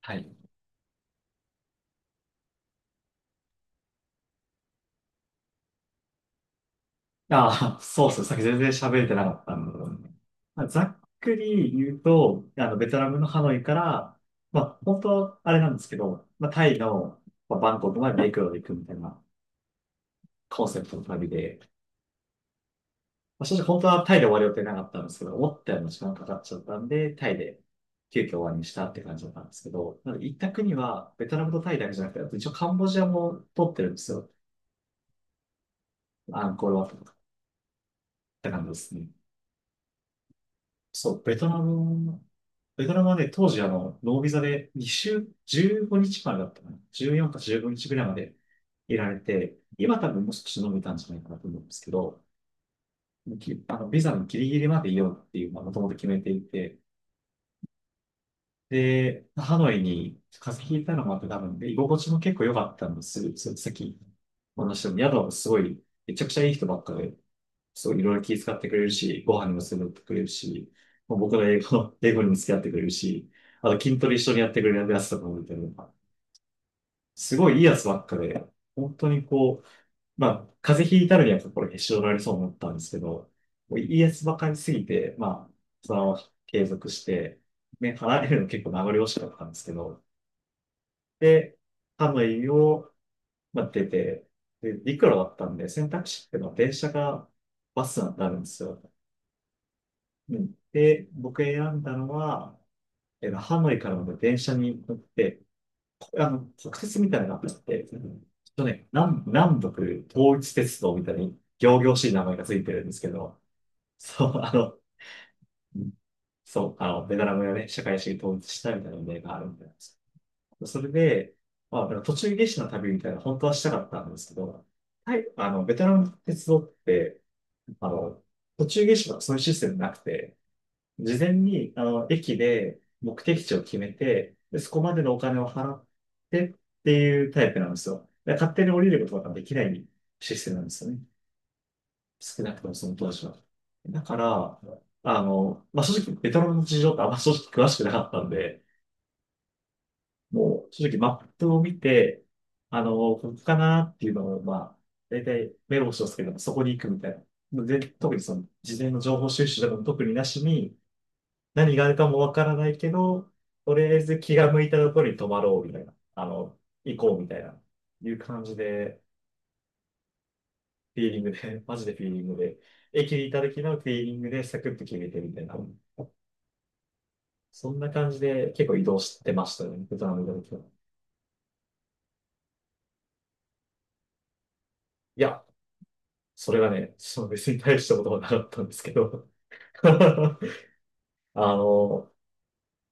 はい。ああ、そうそう、さっき全然喋れてなかったんで。まあ、ざっくり言うと、あの、ベトナムのハノイから、まあ、本当はあれなんですけど、まあ、タイの、まあ、バンコクまで陸路で行くみたいなコンセプトの旅で、まあ、正直本当はタイで終わる予定なかったんですけど、思ったよりも時間かかっちゃったんで、タイで急遽終わりにしたって感じだったんですけど、なので行った国は、ベトナムとタイだけじゃなくて、あと一応カンボジアも取ってるんですよ。アンコールワットとかって感じですね。そう、ベトナム、ベトナムはね、当時あの、ノービザで2週、15日間だったかな。14か15日ぐらいまでいられて、今多分もう少し伸びたんじゃないかなと思うんですけど、きあの、ビザのギリギリまでいようっていう、まあ、もともと決めていて、で、ハノイに風邪ひいたのもあって多分、で、居心地も結構良かったんです。その先、お話しも宿もすごい、めちゃくちゃいい人ばっかで、そういろいろ気遣ってくれるし、ご飯にも連れてってくれるし、もう僕の英語、英語にも付き合ってくれるし、あと筋トレ一緒にやってくれるやつとかもいて、すごいいいやつばっかで、本当にこう、まあ、風邪ひいたのには心へし折られそうになったんですけど、もういいやつばかりすぎて、まあ、そのまま継続して、ね、離れるの結構名残惜しかったんですけど、で、ハノイを、まあ、出て、で、陸路だったんで、選択肢っていうのは電車がバスなんてあるんですよ。うんで、僕選んだのは、ハノイからの電車に乗って、こあの、国鉄みたいなのがあって、ちょっとね、南、南北統一鉄道みたいに、仰々しい名前がついてるんですけど、そう、あの、ベトナムがね、社会主義統一したみたいな例があるみたいなんです。それで、まあ、あの途中下車の旅みたいな、本当はしたかったんですけど、はい、あの、ベトナムの鉄道って、あの、途中下車がそういうシステムなくて、事前に、あの、駅で目的地を決めて、でそこまでのお金を払ってっていうタイプなんですよ。で勝手に降りることができないシステムなんですよね。少なくともその当時は。だから、あの、まあ、正直、ベトナムの事情ってあんま正直詳しくなかったんで、もう正直マップを見て、あの、ここかなっていうのを、まあ、大体メモしますけど、そこに行くみたいな。で、特にその、事前の情報収集でも特になしに、何があるかもわからないけど、とりあえず気が向いたところに泊まろうみたいな、あの、行こうみたいな、いう感じで、フィーリングで、マジでフィーリングで、駅にいた時のフィーリングでサクッと決めてみたいな、そんな感じで結構移動してましたね、ベトナムにいた時は。いや、それがね、その別に大したことはなかったんですけど。あの、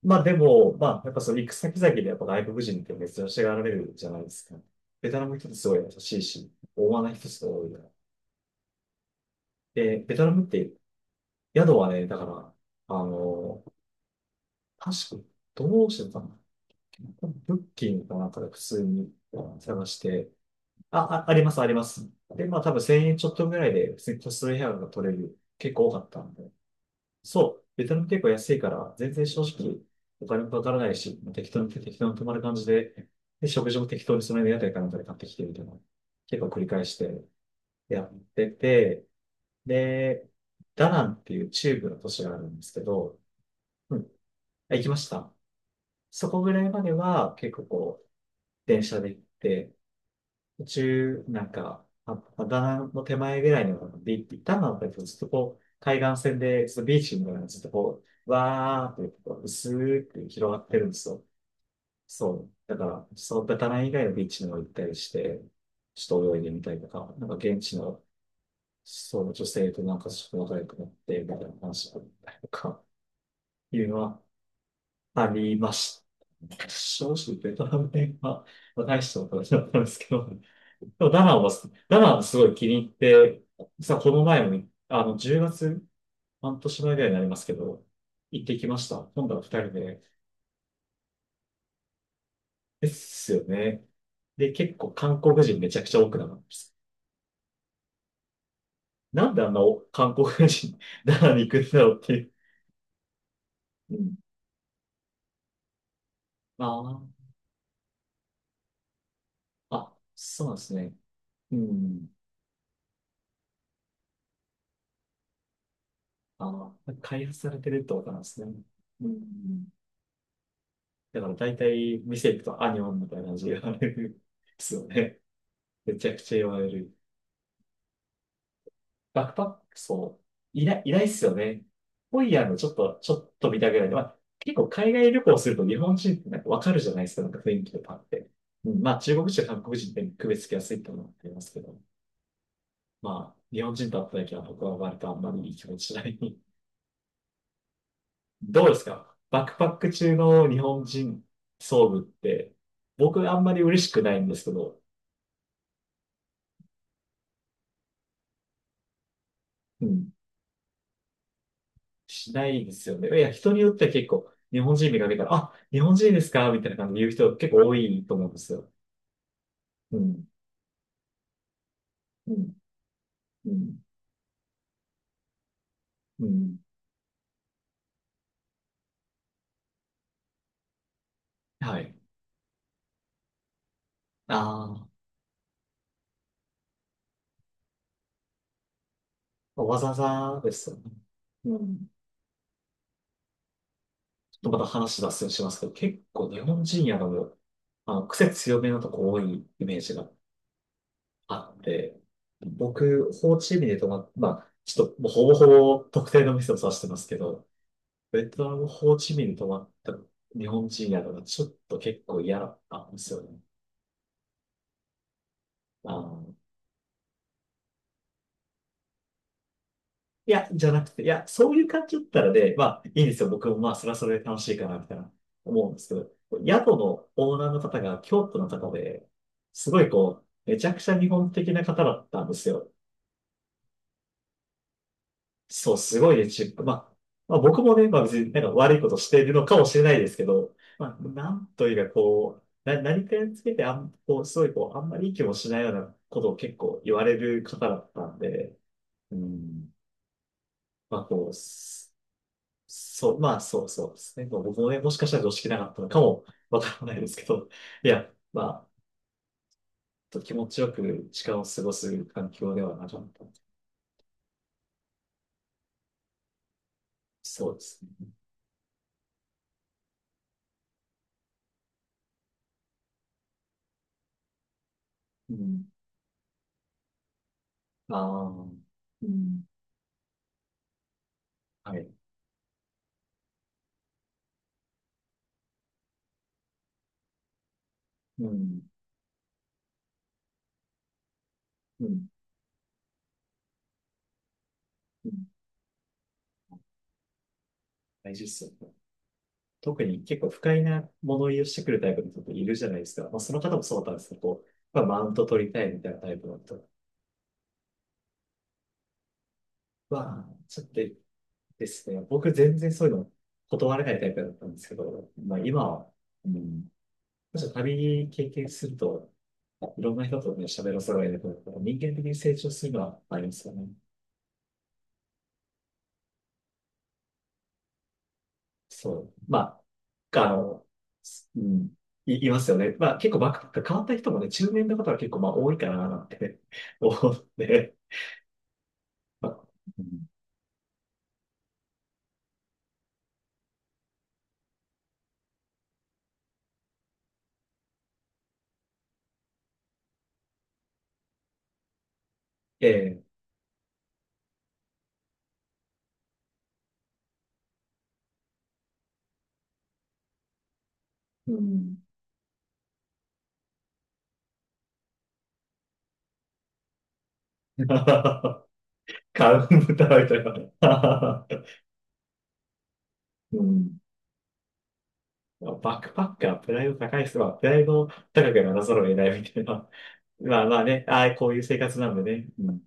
まあでも、まあやっぱその行く先々でやっぱ外国人って珍しがられるじゃないですか。ベトナムの人ってすごい優しいし、大間な人すごい多いから、で、ベトナムって宿はね、だから、あの、確か、どうしてたんだっけなブッキングかなんかで普通に探して、あ、あります、あります。で、まあ多分1000円ちょっとぐらいで、普通に個室の部屋が取れる、結構多かったんで。そう、ベトナム結構安いから、全然正直、お金もかからないし、適当に泊まる感じで、で、食事も適当にその辺の屋台かなんかで買ってきてみたいな、結構繰り返してやってて、で、ダナンっていう中部の都市があるんですけど、うん。あ、行きました。そこぐらいまでは結構こう、電車で行って、途中、なんか、ダナンの手前ぐらいのビーチ、ダナンだとずっとこう、海岸線で、ずっとビーチみたいなのがずっとこう、わーってこう、薄く広がってるんですよ。そう。だから、そう、ダナン以外のビーチにも行ったりして、ちょっと泳いでみたりとか、なんか現地の、そう、女性となんかちょっと仲良くなって、みたいな話があったりとか。いうのはありました。正直、ベトナム戦は、まあ、大したことはなかったんですけど、でもダナンは、ダナンすごい気に入って、実はこの前も、あの、10月、半年前ぐらいになりますけど、行ってきました。今度は2人で。ですよね。で、結構韓国人めちゃくちゃ多くなかったです。なんであんな韓国人、ダナンに行くんだろうっていう。うん、ああ、あ、そうなんですね。うん。あの、開発されてるってことなんですね。うん、だから大体店行くとアニョンみたいな字があるんですよね。めちゃくちゃ言われる。バックパック、そう。いない、いないっすよね。ホイヤーのちょっと、ちょっと見たぐらいで、まあ、結構海外旅行すると日本人ってなんかわかるじゃないですか、なんか雰囲気とかあって。うん、まあ中国人、韓国人って区別つきやすいってのはありますけど、まあ日本人と会った時は僕は割とあんまりいい気持ちしない。どうですかバックパック中の日本人遭遇って、僕あんまり嬉しくないんですけど、うん、しないですよね。いや、人によっては結構、日本人見かけたら、あ、日本人ですかみたいな感じで言う人結構多いと思うんですよ。うん。うん。うん。うん。はい。ああ、わざわざですよね。うん。ちょっとまた話脱線しますけど、結構日本人やの、あの、癖強めのとこ多いイメージがあって、僕、ホーチミンで泊まっ、まあ、ちょっともうほぼほぼ特定の店を指してますけど、ベトナム、ホーチミンに泊まった日本人やのがちょっと結構嫌だったんですよね。あの、いや、じゃなくて、いや、そういう感じだったらね、まあ、いいんですよ。僕もまあ、それはそれで楽しいかな、みたいな思うんですけど、宿のオーナーの方が京都の方で、すごいこう、めちゃくちゃ日本的な方だったんですよ。そう、すごいね、チップ。まあ、まあ、僕もね、まあ別になんか悪いことしているのかもしれないですけど、まあ、なんというかこう、何かにつけてあん、こう、すごいこう、あんまりいい気もしないようなことを結構言われる方だったんで、うん、まあこう、そう、まあそうですね。まあ僕もね、もしかしたら常識なかったのかもわからないですけど、いや、まあ、と気持ちよく時間を過ごす環境ではなかった。そうですね。うん。ああ、うん。はい。うん。うん、大事っすよね。特に結構不快な物言いをしてくるタイプの人っているじゃないですか。まあ、その方もそうだったんですけど、こうまあ、マウント取りたいみたいなタイプの人は、ちょっとですね、僕全然そういうの断れないタイプだったんですけど、まあ、今は、うん、むし旅経験すると、いろんな人とね、喋らされると、人間的に成長するのはありますよね。そう。まあ、あの、すうん、いますよね。まあ、結構バックパック変わった人もね、中年の方は結構まあ多いかななんて 思って、まあ、うん、ええ、うん。カウンターみたいな。うん。まあバックパックはプライド高い人は、プライドを高くならざるを得ないみたいな。まあまあね、ああ、こういう生活なんでね。うん。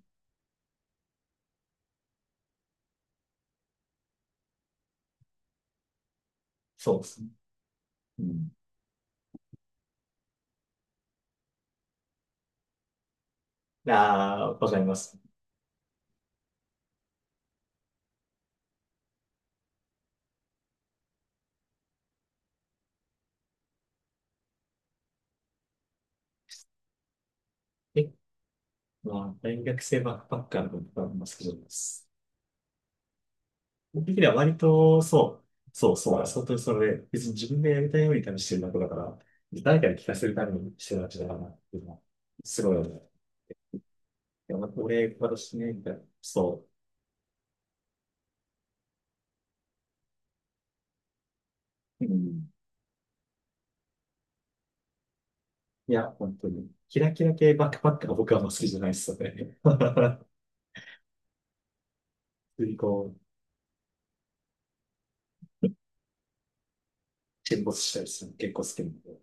そうですね。うん。ああ、わかります。え、まあ、大学生バックパッカーのことは、まあ、好きです。僕的には割と、そう、そうそう、はい本当にそれで、別に自分でやりたいように多分してるだけだから、誰かに聞かせるためにしてるわけだからっていうのは、すごいよね。いや、まあ俺、私ね、みたいな。そう。うん。いや、本当に。キラキラ系バックパックが僕はあんま好きじゃないですよね。普通にこう、沈没したりするの結構好きなんで。